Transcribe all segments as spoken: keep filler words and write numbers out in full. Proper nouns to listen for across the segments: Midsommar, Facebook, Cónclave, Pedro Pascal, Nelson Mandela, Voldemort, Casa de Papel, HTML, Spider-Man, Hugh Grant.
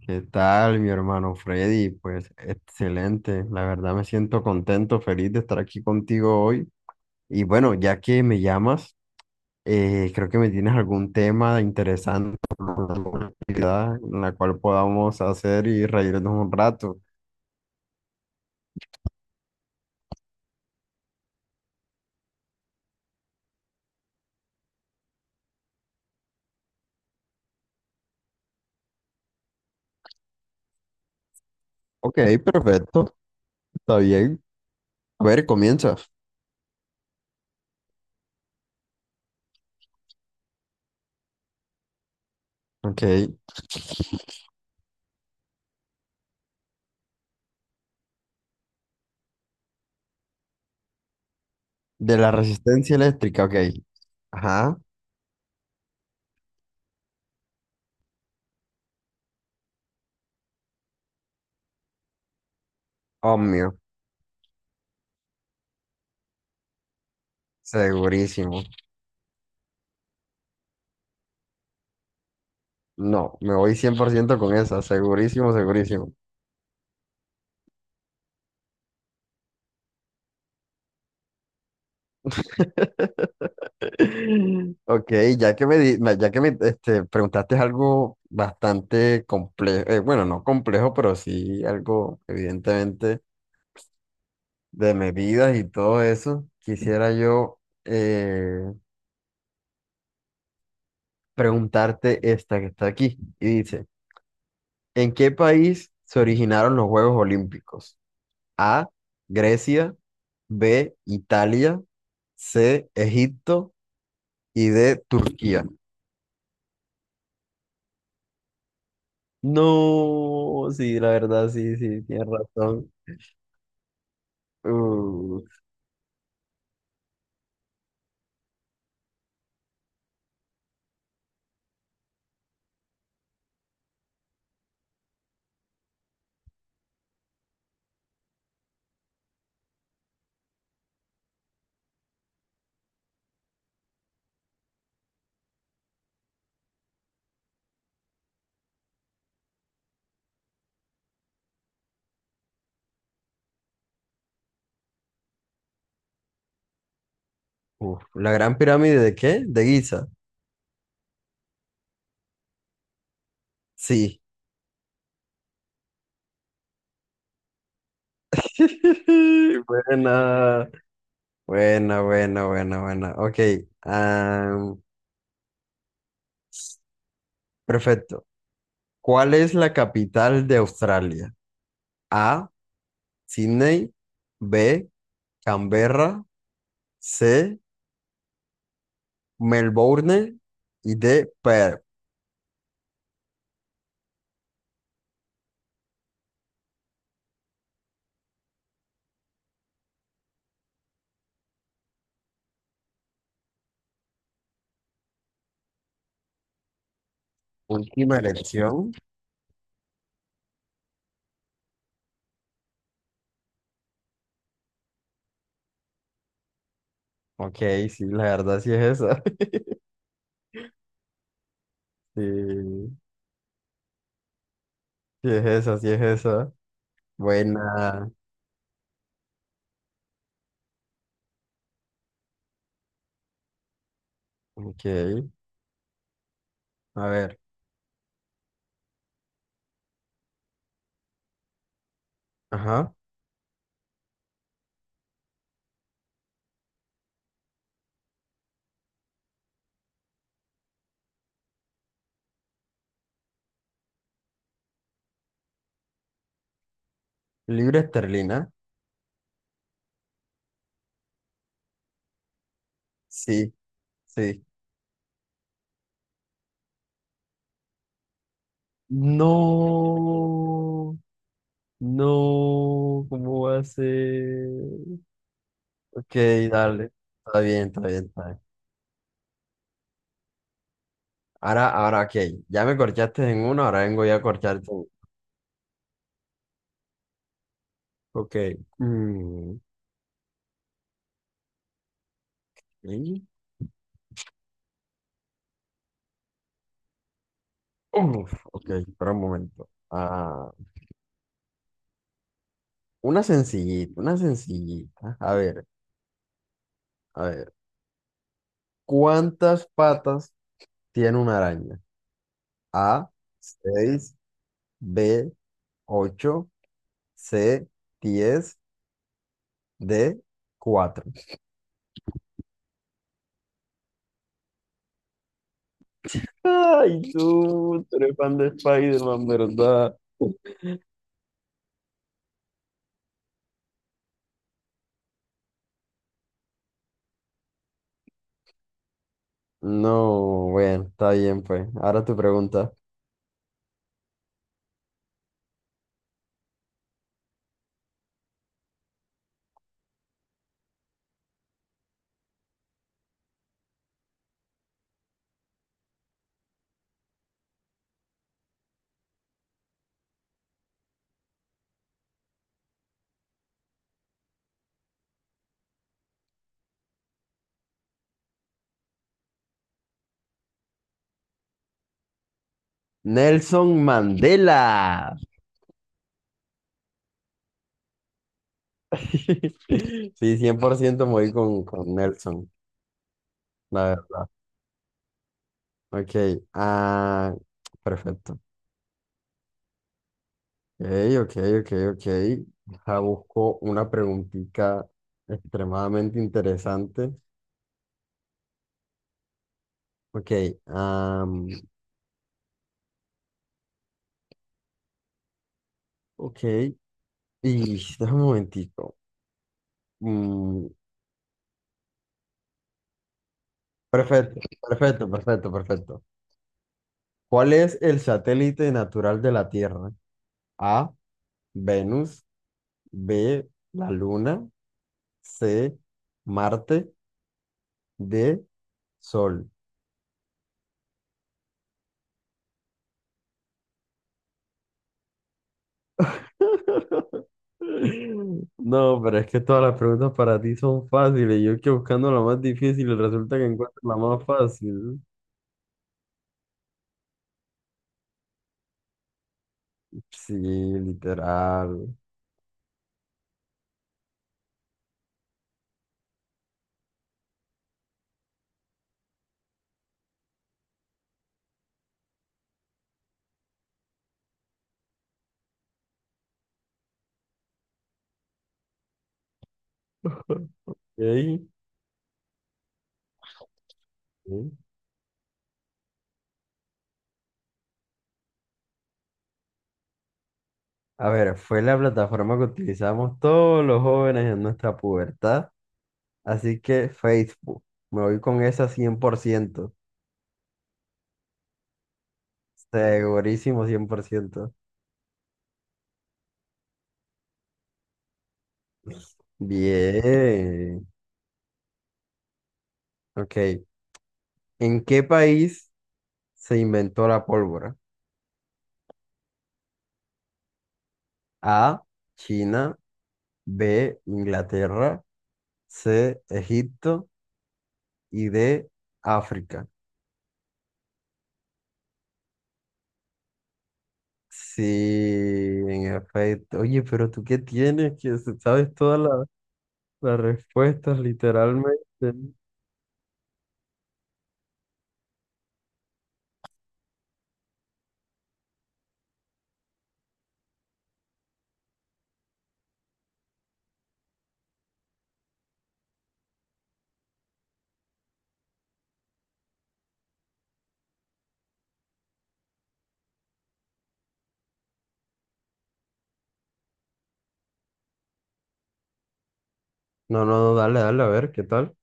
¿Qué tal, mi hermano Freddy? Pues excelente, la verdad me siento contento, feliz de estar aquí contigo hoy. Y bueno, ya que me llamas, eh, creo que me tienes algún tema interesante, alguna actividad en la cual podamos hacer y reírnos un rato. Ok, perfecto, está bien. A ver, comienza. Ok, de la resistencia eléctrica, ok. Ajá, obvio, segurísimo. No, me voy cien por ciento con esa, segurísimo, segurísimo. Ok, ya que me, di- me- ya que me este, preguntaste algo bastante complejo, eh, bueno, no complejo, pero sí algo evidentemente de medidas y todo eso, quisiera yo eh, preguntarte esta que está aquí y dice, ¿en qué país se originaron los Juegos Olímpicos? A, Grecia. B, Italia. C, Egipto. Y D, Turquía. No, sí, la verdad, sí, sí, tienes razón. Uh, uf, ¿La gran pirámide de qué? ¿De Giza? Sí. Buena, buena, buena, buena, buena. Ok. am, Perfecto. ¿Cuál es la capital de Australia? A, Sydney. B, Canberra. C, Melbourne. Y D, Perth. Última elección. Ok, sí, la verdad sí es esa. Sí, sí es esa, sí es esa. Buena. Ok. A ver. Ajá. Libra esterlina. Sí, sí. No, no, ¿cómo va a ser? Ok, dale. Está bien, está bien, está bien. Ahora, ahora, ok. Ya me corchaste en uno, ahora vengo yo a corcharte en uno. Ok. Mm, ¿y? Uf, ok, espera un momento. Ah, una sencillita, una sencillita. A ver, a ver. ¿Cuántas patas tiene una araña? A, seis. B, ocho. C, diez. D, cuatro. Ay, tú, tú eres fan de Spider-Man, ¿verdad? No, bueno, está bien, pues. Ahora tu pregunta. Nelson Mandela. Sí, cien por ciento me voy con, con Nelson, la verdad. Ok, ah, perfecto. Ok, ok, ok, ok. Ya busco una preguntita extremadamente interesante. Ok, am, ok. Y déjame un momentico. Mm, perfecto, perfecto, perfecto, perfecto. ¿Cuál es el satélite natural de la Tierra? A, Venus. B, la Luna. C, Marte. D, Sol. No, pero es que todas las preguntas para ti son fáciles. Yo que buscando la más difícil y resulta que encuentro la más fácil. Sí, literal. Ok, ok. A ver, fue la plataforma que utilizamos todos los jóvenes en nuestra pubertad, así que Facebook. Me voy con esa cien por ciento, segurísimo cien por ciento. Bien, ok. ¿En qué país se inventó la pólvora? A, China. B, Inglaterra. C, Egipto. Y D, África. Sí, en efecto. Oye, pero tú qué tienes, que sabes todas. La respuesta es literalmente. No, no, no, dale, dale, a ver, ¿qué tal?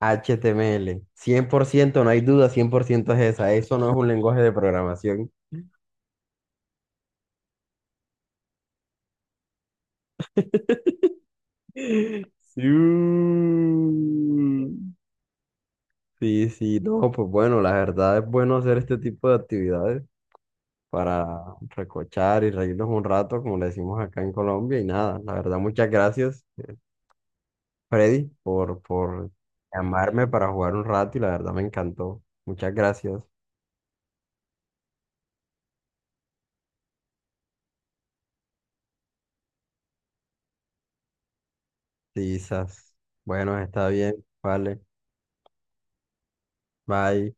H T M L. Ciento no hay duda, cien por ciento es esa. Eso no es un lenguaje de programación. Sí, sí, sí, no, pues bueno, la verdad es bueno hacer este tipo de actividades para recochar y reírnos un rato, como le decimos acá en Colombia, y nada, la verdad, muchas gracias, Freddy, por, por llamarme para jugar un rato y la verdad me encantó. Muchas gracias. Quizás. Bueno, está bien. Vale. Bye.